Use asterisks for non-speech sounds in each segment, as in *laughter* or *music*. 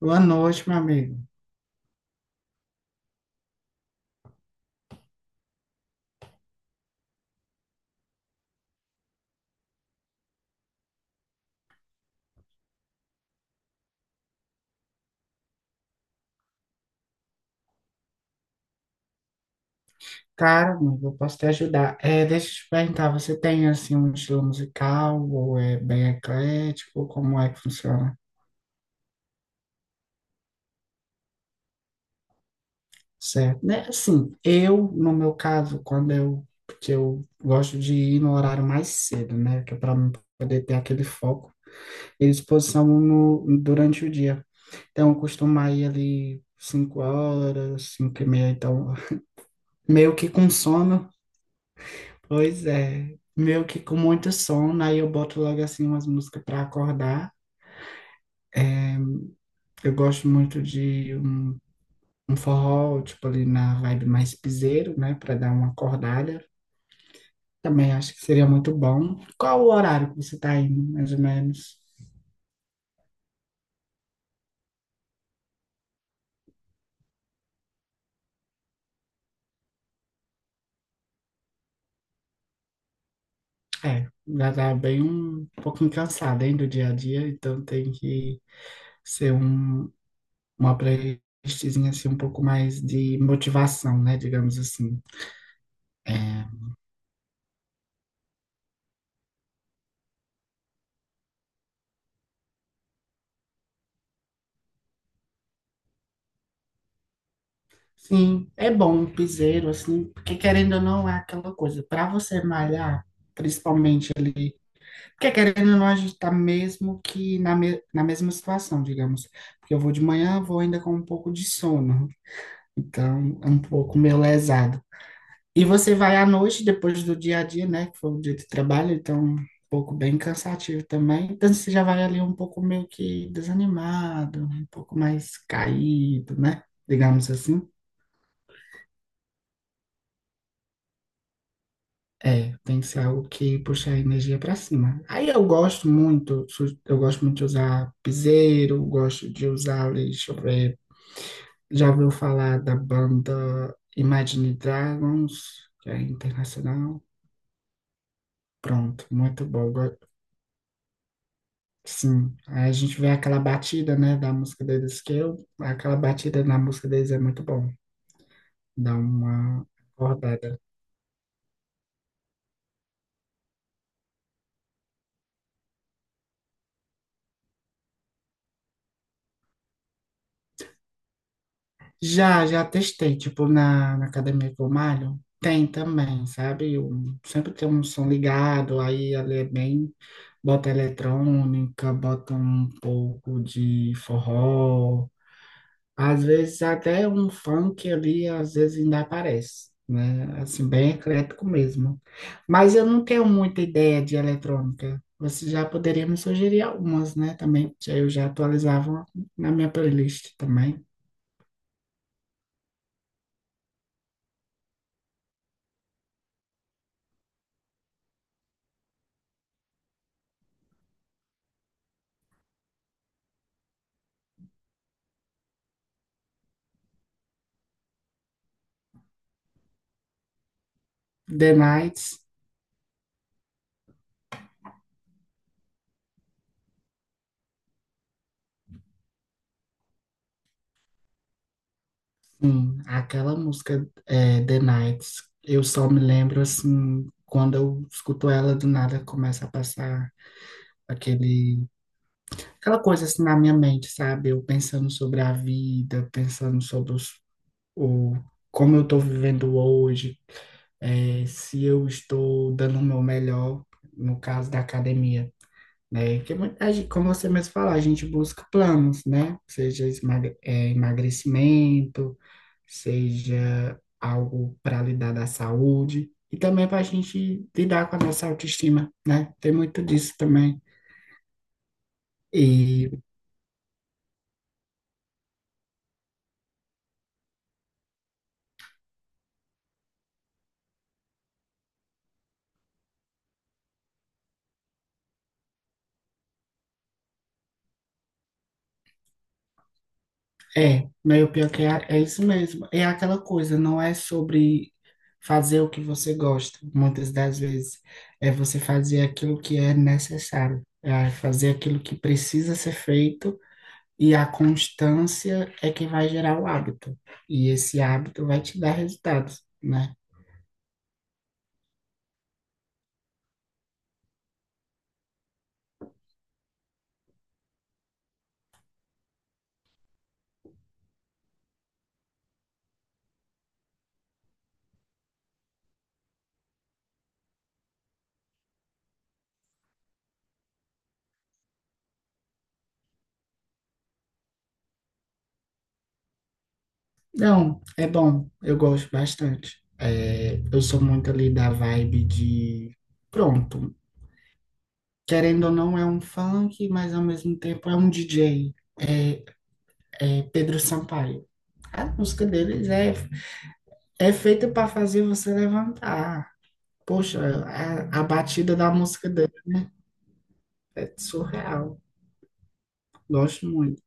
Boa noite, meu amigo. Cara, amigo, eu posso te ajudar. É, deixa eu te perguntar, você tem assim um estilo musical ou é bem eclético? Como é que funciona? Certo, né? Assim, eu, no meu caso, quando eu, porque eu gosto de ir no horário mais cedo, né? Que é para poder ter aquele foco e disposição no, durante o dia. Então, eu costumo ir ali cinco horas, cinco e meia, então, meio que com sono. Pois é, meio que com muito sono, aí eu boto logo assim umas músicas para acordar. Eu gosto muito de um forró, tipo ali na vibe mais piseiro, né, para dar uma acordada. Também acho que seria muito bom. Qual o horário que você tá indo, mais ou menos? É, já tá bem um pouquinho cansada, hein, do dia a dia, então tem que ser uma playlistzinha assim um pouco mais de motivação, né, digamos assim. Sim, é bom um piseiro, assim, porque querendo ou não é aquela coisa, para você malhar, principalmente ali, porque querendo ou não a gente tá mesmo que na mesma situação, digamos, porque eu vou de manhã, vou ainda com um pouco de sono, então é um pouco meio lesado. E você vai à noite, depois do dia a dia, né, que foi o dia de trabalho, então um pouco bem cansativo também, então você já vai ali um pouco meio que desanimado, um pouco mais caído, né, digamos assim. É, tem que ser algo que puxe a energia para cima. Aí eu gosto muito, eu gosto muito de usar piseiro, gosto de usar, ali, deixa eu ver, já ouviu falar da banda Imagine Dragons, que é internacional? Pronto, muito bom. Sim, aí a gente vê aquela batida, né, da música deles, aquela batida na música deles é muito bom, dá uma acordada. Já, já testei, tipo, na academia que eu malho, tem também, sabe? Sempre tem um som ligado, aí ali é bem, bota eletrônica, bota um pouco de forró, às vezes até um funk ali, às vezes ainda aparece, né? Assim, bem eclético mesmo. Mas eu não tenho muita ideia de eletrônica. Você já poderia me sugerir algumas, né? Também, que aí eu já atualizava na minha playlist também. The Nights. Sim, aquela música é, The Nights, eu só me lembro assim, quando eu escuto ela do nada começa a passar aquele, aquela coisa assim na minha mente, sabe? Eu pensando sobre a vida, pensando sobre o, como eu tô vivendo hoje, é, se eu estou dando o meu melhor, no caso da academia, né? Que muita gente, como você mesmo falou, a gente busca planos, né? Seja é, emagrecimento, seja algo para lidar da saúde e também para a gente lidar com a nossa autoestima, né? Tem muito disso também. E é, meio pior que é, é isso mesmo. É aquela coisa, não é sobre fazer o que você gosta, muitas das vezes. É você fazer aquilo que é necessário, é fazer aquilo que precisa ser feito. E a constância é que vai gerar o hábito. E esse hábito vai te dar resultados, né? Não, é bom, eu gosto bastante. É, eu sou muito ali da vibe de. Pronto, querendo ou não, é um funk, mas ao mesmo tempo é um DJ. É, é Pedro Sampaio. A música deles é, é feita para fazer você levantar. Poxa, a batida da música dele, né? É surreal. Gosto muito.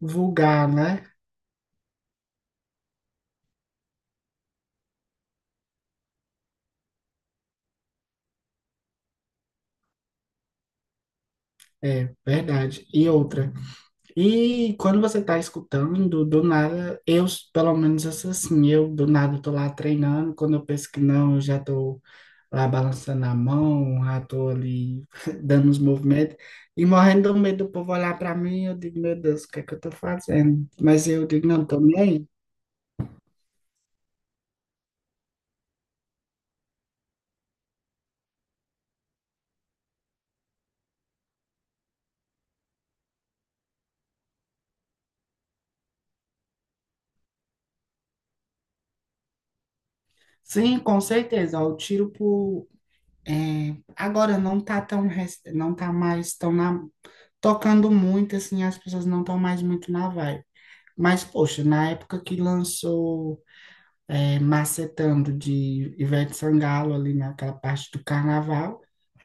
Vulgar, né? É verdade. E outra. E quando você tá escutando, do nada, pelo menos eu sou assim, eu do nada tô lá treinando, quando eu penso que não, eu já tô lá balançando a mão, já tô ali *laughs* dando os movimentos, e morrendo do medo do povo olhar para mim, eu digo, meu Deus, o que é que eu tô fazendo? Mas eu digo, não, tô nem aí. Sim, com certeza, o tiro por... é, agora não tá tão, não tá mais tão na... tocando muito, assim, as pessoas não estão mais muito na vibe. Mas, poxa, na época que lançou é, Macetando de Ivete Sangalo, ali naquela parte do carnaval,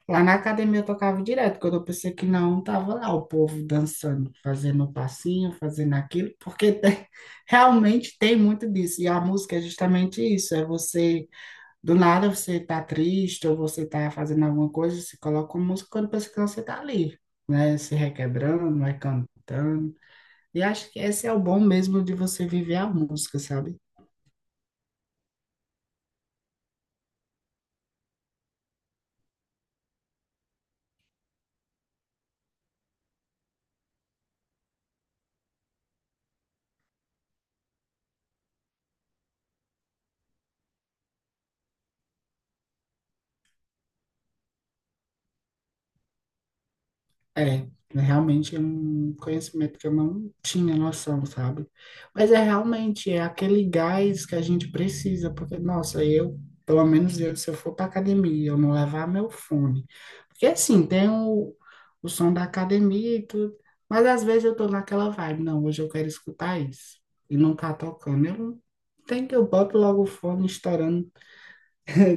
lá na academia eu tocava direto, quando eu pensei que não, tava lá o povo dançando, fazendo um passinho, fazendo aquilo, *laughs* realmente tem muito disso. E a música é justamente isso: é você, do nada você tá triste, ou você tá fazendo alguma coisa, você coloca uma música quando pensa que você tá ali, né? Se requebrando, vai cantando. E acho que esse é o bom mesmo de você viver a música, sabe? É, realmente é um conhecimento que eu não tinha noção, sabe? Mas é realmente é aquele gás que a gente precisa, porque, nossa, pelo menos eu, se eu for para academia, eu não levar meu fone. Porque assim, tem o som da academia e tudo, mas às vezes eu tô naquela vibe, não, hoje eu quero escutar isso, e não tá tocando. Tem que eu boto logo o fone estourando.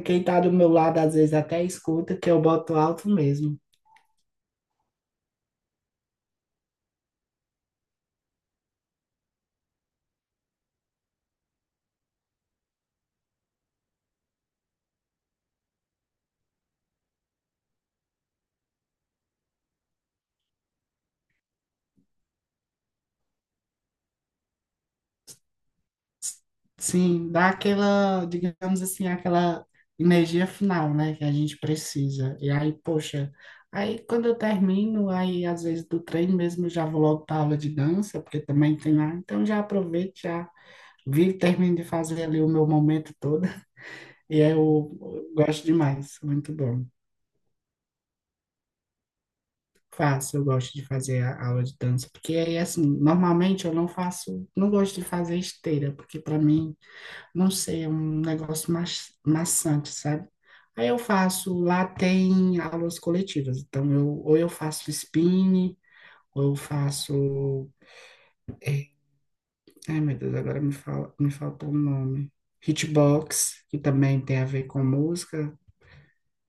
Quem tá do meu lado às vezes até escuta que eu boto alto mesmo. Sim, dá aquela, digamos assim, aquela energia final, né, que a gente precisa. E aí, poxa, aí quando eu termino, aí às vezes do treino mesmo eu já vou logo para aula de dança, porque também tem lá. Então já aproveito, já vi, termino de fazer ali o meu momento todo. E eu gosto demais, muito bom. Faço, eu gosto de fazer a aula de dança, porque aí, assim, normalmente eu não faço, não gosto de fazer esteira, porque para mim, não sei, é um negócio maçante, sabe? Aí eu faço, lá tem aulas coletivas, então eu, ou eu faço spin, ou eu faço, ai meu Deus, agora me fala, me faltou o nome, hitbox, que também tem a ver com música.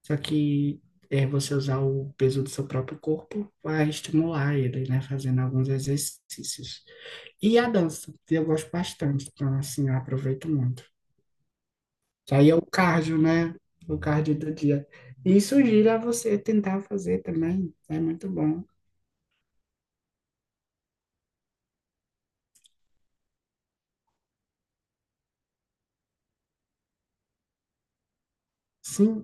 Só que é, você usar o peso do seu próprio corpo vai estimular ele, né? Fazendo alguns exercícios. E a dança, que eu gosto bastante. Então, assim, eu aproveito muito. Que aí é o cardio, né? O cardio do dia. E sugiro a você tentar fazer também. É muito bom. Sim,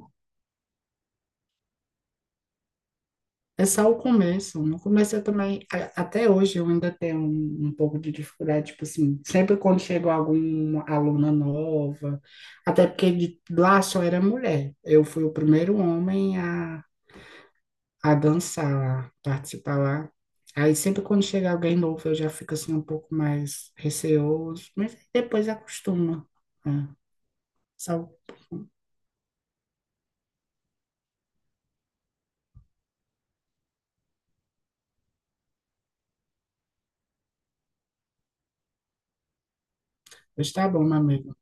é só o começo. No começo eu também, até hoje eu ainda tenho um pouco de dificuldade, tipo assim, sempre quando chegou alguma aluna nova, até porque de, lá só era mulher. Eu fui o primeiro homem a dançar lá, participar lá. Aí sempre quando chega alguém novo eu já fico assim um pouco mais receoso, mas depois acostuma, né? Só, está bom, meu amigo.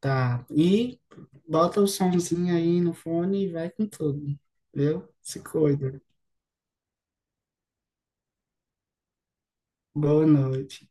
Tá. E bota o somzinho aí no fone e vai com tudo. Viu? Se cuida. Boa noite.